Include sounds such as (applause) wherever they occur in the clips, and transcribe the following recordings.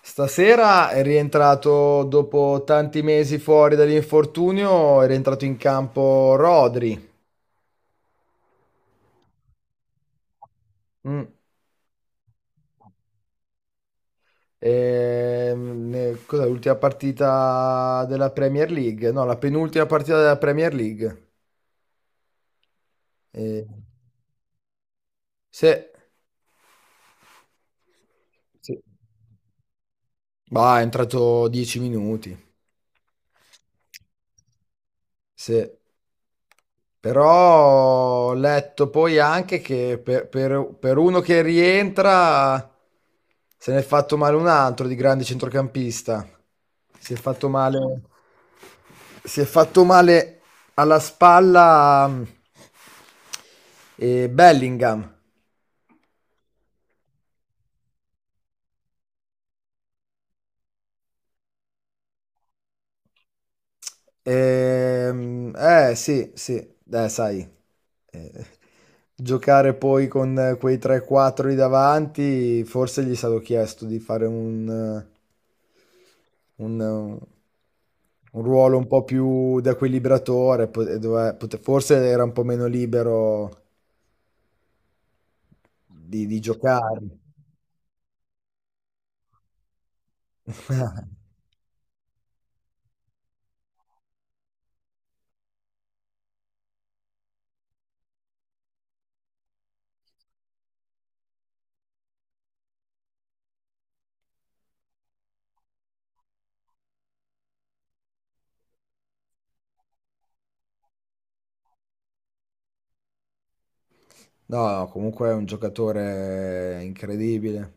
Stasera è rientrato dopo tanti mesi fuori dall'infortunio, è rientrato in campo Rodri. Mm. Cos'è l'ultima partita della Premier League? No, la penultima partita della Premier League. Eh, se, sì. Bah, è entrato 10 minuti. Sì. Però ho letto poi anche che per uno che rientra se ne è fatto male un altro di grande centrocampista. Si è fatto male, si è fatto male alla spalla Bellingham. Eh sì, sì, sai. Eh, giocare poi con quei 3-4 lì davanti, forse gli è stato chiesto di fare un, eh, un ruolo un po' più da equilibratore, forse era un po' meno libero di giocare. (laughs) No, no, comunque è un giocatore incredibile.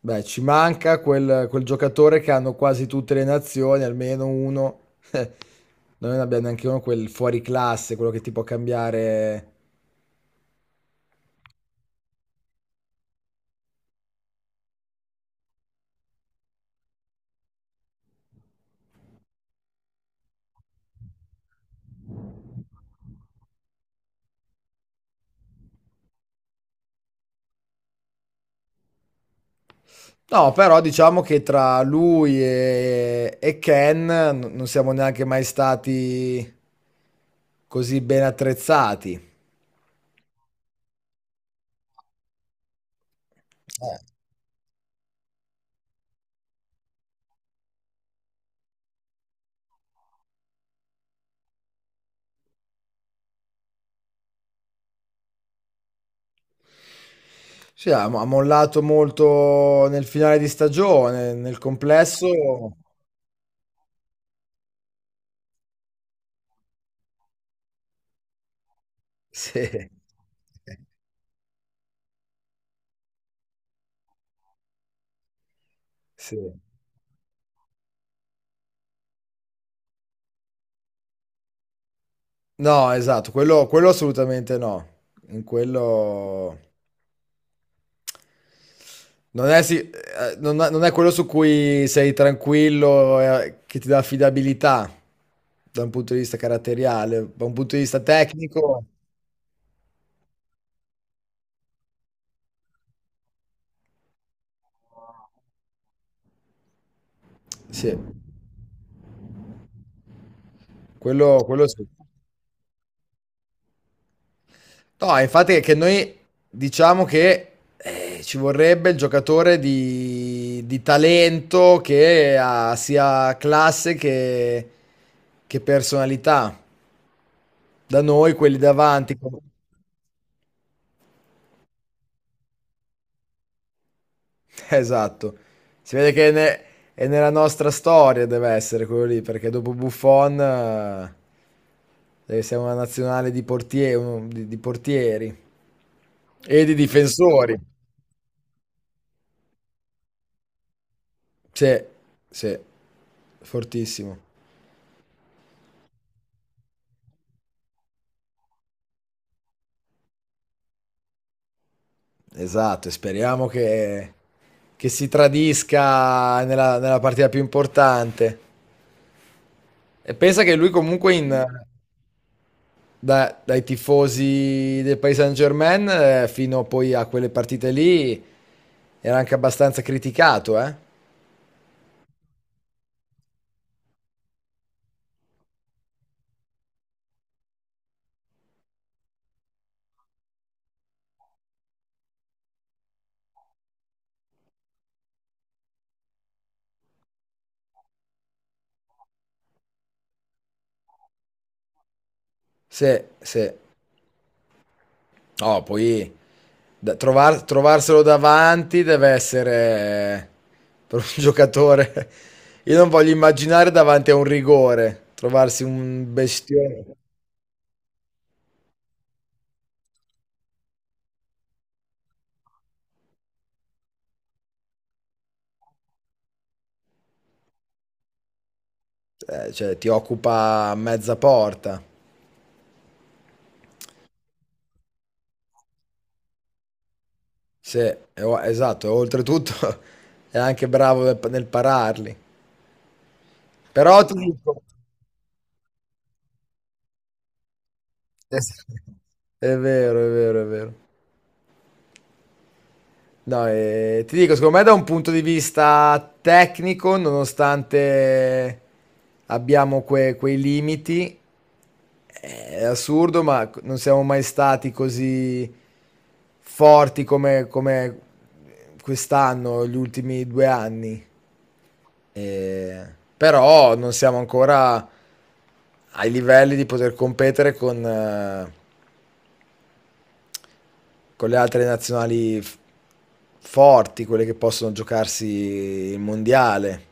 Beh, ci manca quel giocatore che hanno quasi tutte le nazioni, almeno uno. (laughs) Noi non abbiamo neanche uno quel fuori classe, quello che ti può cambiare. No, però diciamo che tra lui e Ken non siamo neanche mai stati così ben attrezzati. Eh, Sì, ha mollato molto nel finale di stagione, nel complesso. Sì, (laughs) sì. No, esatto, quello assolutamente no. In quello... Non è, si- non è- Non è quello su cui sei tranquillo, che ti dà affidabilità da un punto di vista caratteriale, da un punto di vista tecnico. Sì, quello sì. No, infatti è che noi diciamo che ci vorrebbe il giocatore di talento che ha sia classe che personalità. Da noi quelli davanti, com- (laughs) esatto. Si vede che è nella nostra storia deve essere quello lì, perché dopo Buffon deve essere una nazionale di portieri e di difensori. Sì, sì, fortissimo. Esatto, e speriamo che si tradisca nella partita più importante. E pensa che lui comunque dai tifosi del Paris Saint-Germain fino poi a quelle partite lì era anche abbastanza criticato, eh? Sì, sì. No, poi trovarselo davanti deve essere eh, per un (laughs) giocatore. Io non voglio immaginare davanti a un rigore, trovarsi un bestione, cioè ti occupa mezza porta. Sì, esatto, e oltretutto (laughs) è anche bravo nel pararli. Però ti dico, Es- è vero, è vero, è vero. No, ti dico, secondo me da un punto di vista tecnico, nonostante abbiamo quei limiti, è assurdo, ma c- non siamo mai stati così forti come quest'anno, gli ultimi due anni. Eh, però non siamo ancora ai livelli di poter competere con le altre nazionali forti, quelle che possono giocarsi il mondiale.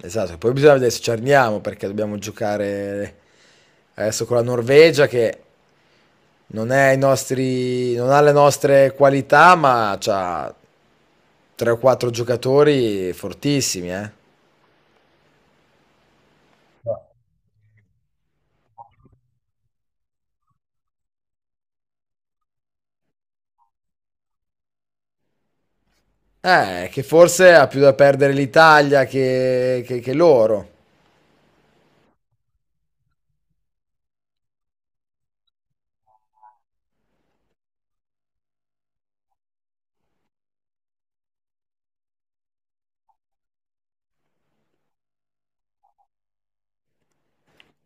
Esatto, poi bisogna vedere se ci arniamo perché dobbiamo giocare adesso con la Norvegia che non, è i nostri, non ha le nostre qualità, ma ha tre o quattro giocatori fortissimi, eh. Che forse ha più da perdere l'Italia che loro.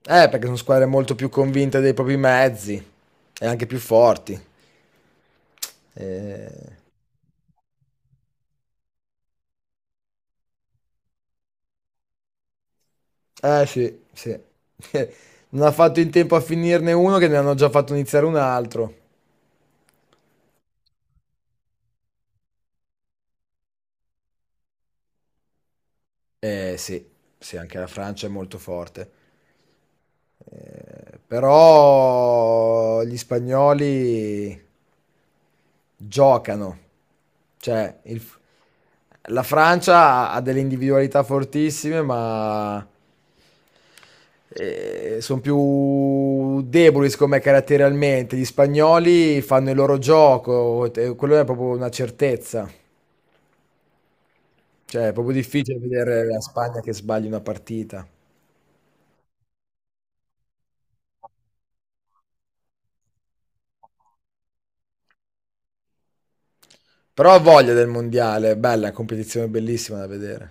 Perché sono squadre molto più convinte dei propri mezzi e anche più forti. Eh, sì, sì. (laughs) Non ha fatto in tempo a finirne uno che ne hanno già fatto iniziare un altro. Eh sì, sì, anche la Francia è molto forte. Però gli spagnoli giocano. Cioè, il- la Francia ha delle individualità fortissime, ma sono più deboli, secondo me, caratterialmente. Gli spagnoli fanno il loro gioco, e quello è proprio una certezza. Cioè, è proprio difficile vedere la Spagna che sbagli una partita. Però ho voglia del mondiale, è bella, è una competizione bellissima da vedere.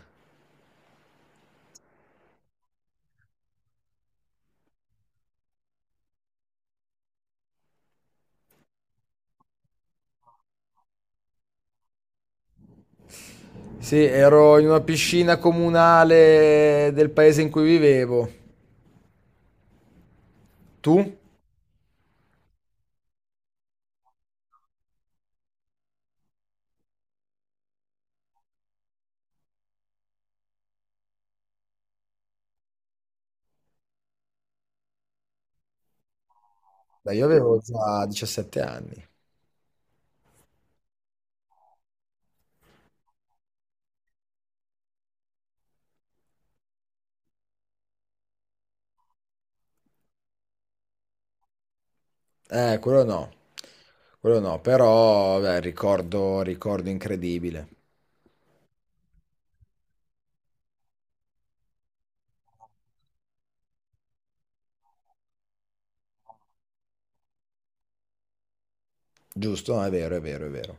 Sì, ero in una piscina comunale del paese in cui vivevo. Tu? Beh, io avevo già 17 anni. Quello no. Quello no, però, beh, ricordo, ricordo incredibile. Giusto? No, è vero, è vero, è vero.